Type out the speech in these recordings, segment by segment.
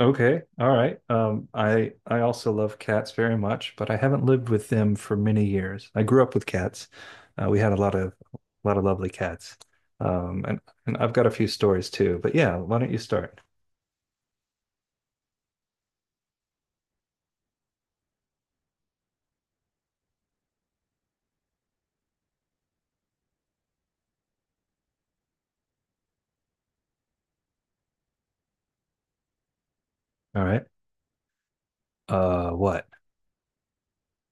Okay, all right. I also love cats very much, but I haven't lived with them for many years. I grew up with cats. We had a lot of lovely cats, and I've got a few stories too. But yeah, why don't you start? All right. What?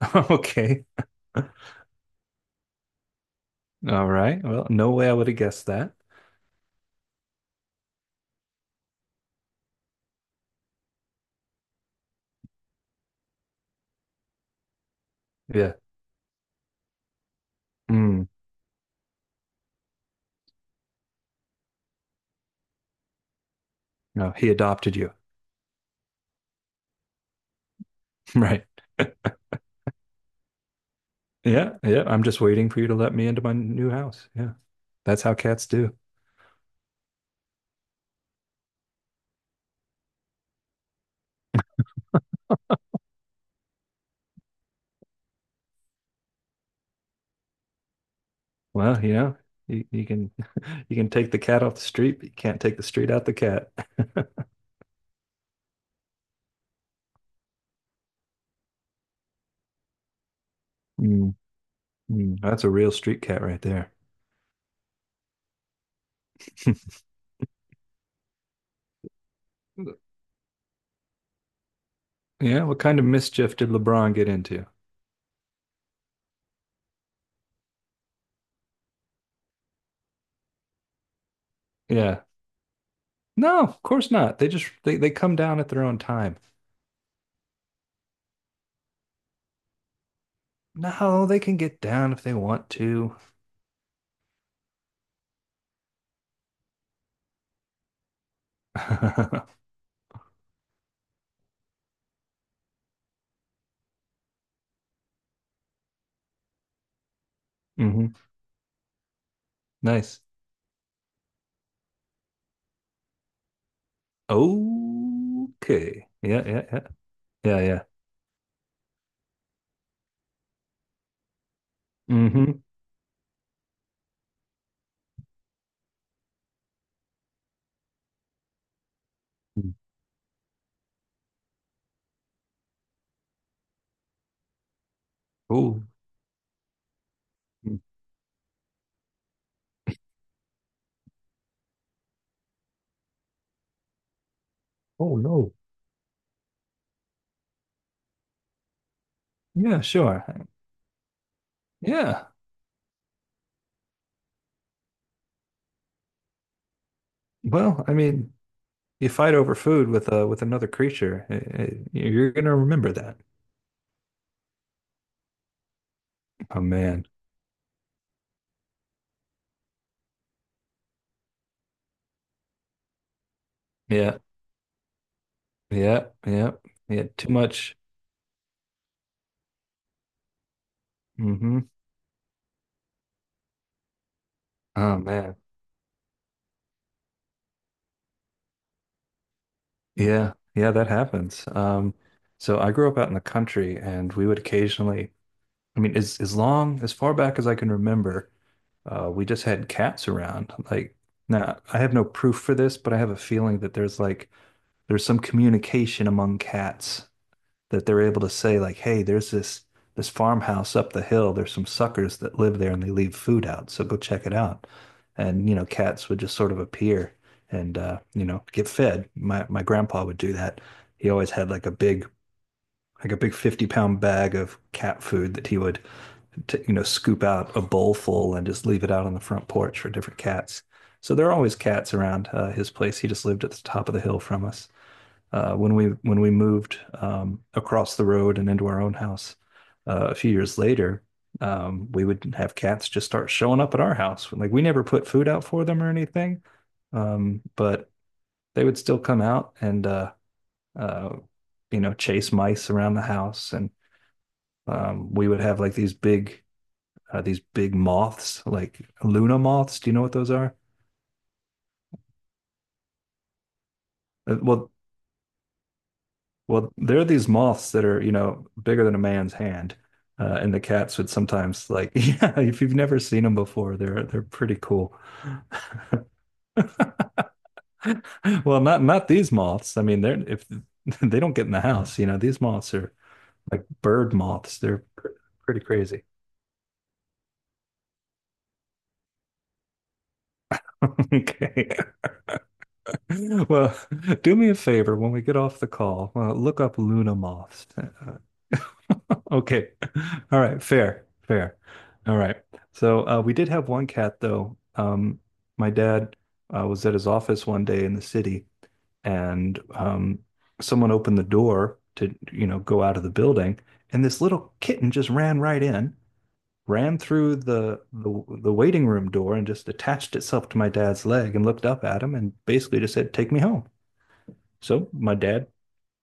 Okay. All right. Well, no way I would have guessed that. Yeah. Mm, no, he adopted you. Right. Yeah. Yeah. I'm just waiting for you to let me into my new house. Yeah. That's how cats do. Well, you can. You can take the cat off the street, but you can't take the street out the cat. Mm, that's a real street cat right there. Yeah, what kind of mischief did LeBron get into? Yeah. No, of course not. They just they come down at their own time. No, they can get down if they want to. Hmm. Nice. Okay. Yeah, yeah, yeah. Yeah, yeah. Mm-hmm. Oh. Oh no. Yeah, sure. Yeah. Well, I mean, you fight over food with another creature. You're gonna remember that. Oh man. Yeah. Yeah. Yeah. Yeah. Too much. Mm-hmm. Oh man. Yeah. Yeah, that happens. So I grew up out in the country, and we would occasionally, I mean, as far back as I can remember, we just had cats around. Like, now I have no proof for this, but I have a feeling that there's some communication among cats, that they're able to say, like, hey, there's this farmhouse up the hill. There's some suckers that live there, and they leave food out. So go check it out. And you know, cats would just sort of appear, and get fed. My grandpa would do that. He always had like a big 50-pound bag of cat food that he would you know, scoop out a bowl full and just leave it out on the front porch for different cats, so there are always cats around his place. He just lived at the top of the hill from us. When we moved across the road and into our own house a few years later, we would have cats just start showing up at our house. Like, we never put food out for them or anything, but they would still come out and uh, you know, chase mice around the house, and we would have like these big moths, like Luna moths. Do you know what those are? Well, Well, there are these moths that are, you know, bigger than a man's hand, and the cats would sometimes like, yeah, if you've never seen them before, they're pretty cool. Well, not these moths. I mean, they're if they don't get in the house, you know, these moths are like bird moths. They're pr pretty crazy. Okay. Well, do me a favor when we get off the call, look up Luna moths. Okay. All right. Fair. Fair. All right. So we did have one cat though. My dad was at his office one day in the city, and someone opened the door to, you know, go out of the building, and this little kitten just ran right in, ran through the waiting room door, and just attached itself to my dad's leg and looked up at him and basically just said, "Take me home." So my dad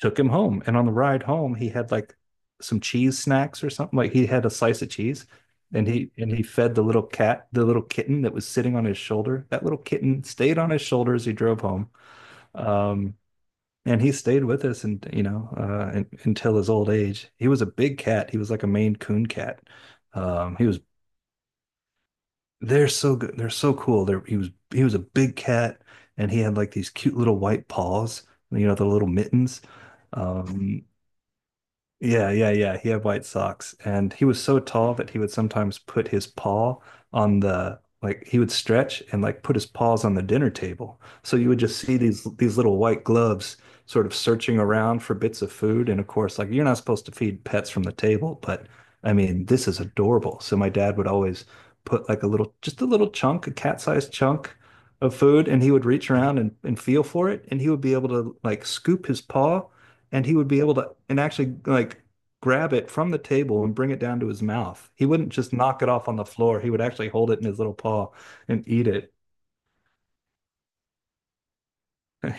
took him home. And on the ride home, he had like some cheese snacks or something. Like, he had a slice of cheese, and he fed the little cat, the little kitten that was sitting on his shoulder. That little kitten stayed on his shoulder as he drove home. Um, and he stayed with us, and until his old age. He was a big cat. He was like a Maine Coon cat. He was They're so good. They're so cool. He was a big cat, and he had like these cute little white paws, you know, the little mittens. Um, Yeah, yeah, yeah. He had white socks, and he was so tall that he would sometimes put his paw on the like, he would stretch and like put his paws on the dinner table. So you would just see these little white gloves sort of searching around for bits of food. And of course, like, you're not supposed to feed pets from the table, but I mean, this is adorable. So my dad would always put like a little, just a little chunk, a cat-sized chunk of food, and he would reach around, and feel for it, and he would be able to like scoop his paw, and he would be able to and actually like grab it from the table and bring it down to his mouth. He wouldn't just knock it off on the floor. He would actually hold it in his little paw and eat it.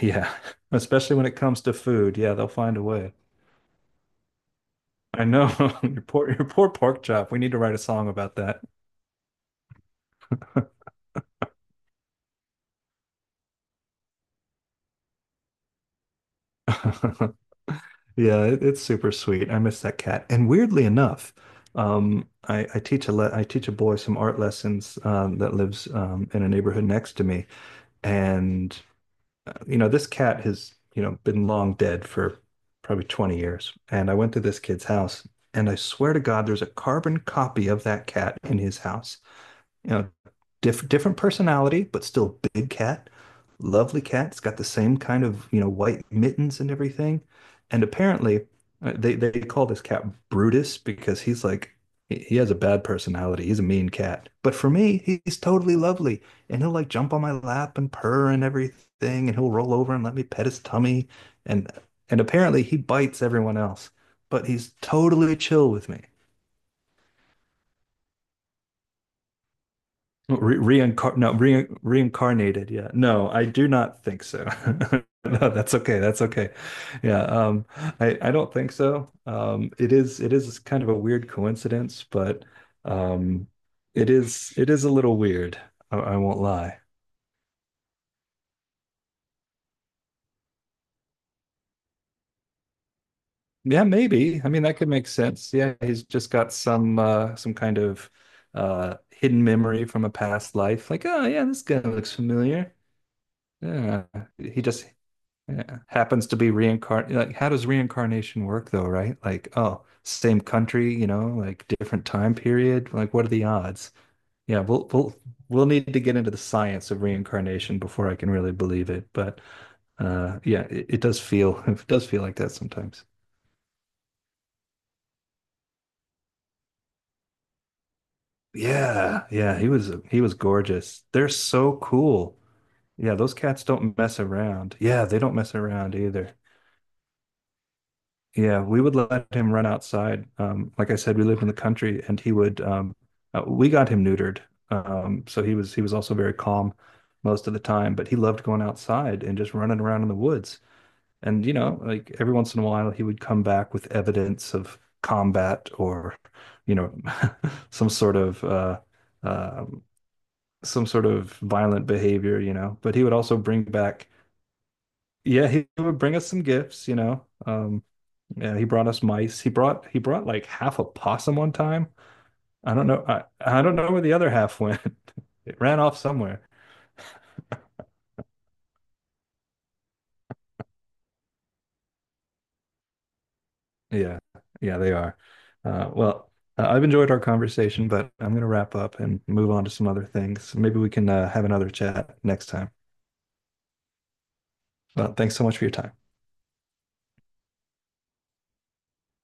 Yeah, especially when it comes to food. Yeah, they'll find a way. I know. Your poor pork chop. We need to write a song about that. Yeah, it's super sweet. I miss that cat. And weirdly enough, I teach a boy some art lessons that lives in a neighborhood next to me, and you know, this cat has, you know, been long dead for probably 20 years. And I went to this kid's house, and I swear to God, there's a carbon copy of that cat in his house. You know, different personality, but still big cat. Lovely cat. It's got the same kind of, you know, white mittens and everything. And apparently, they call this cat Brutus, because he's like, he has a bad personality. He's a mean cat. But for me, he's totally lovely. And he'll like jump on my lap and purr and everything, and he'll roll over and let me pet his tummy. And and apparently he bites everyone else, but he's totally chill with me. No, Re reincar no, re reincarnated. Yeah, no, I do not think so. No, that's okay, that's okay. Yeah. I don't think so. It is, kind of a weird coincidence, but um it is, a little weird. I won't lie. Yeah, maybe. I mean, that could make sense. Yeah, he's just got some kind of hidden memory from a past life. Like, oh yeah, this guy looks familiar. Yeah, he just yeah. Happens to be reincarnate. Like, how does reincarnation work though, right? Like, oh, same country, you know, like, different time period. Like, what are the odds? Yeah, we'll need to get into the science of reincarnation before I can really believe it. But yeah, it does feel it does feel like that sometimes. Yeah, yeah, he was gorgeous. They're so cool. Yeah, those cats don't mess around. Yeah, they don't mess around either. Yeah, we would let him run outside. Like I said, we lived in the country, and he would. We got him neutered, so he was also very calm most of the time. But he loved going outside and just running around in the woods. And you know, like, every once in a while, he would come back with evidence of combat or, you know, some sort of uh, um some sort of violent behavior. You know, but he would also bring back. Yeah, he would bring us some gifts, you know. Yeah, he brought us mice. He brought like half a possum one time. I don't know. I don't know where the other half went. It ran off somewhere. Yeah, yeah, they are. Well, I've enjoyed our conversation, but I'm going to wrap up and move on to some other things. Maybe we can have another chat next time. Well, thanks so much for your time.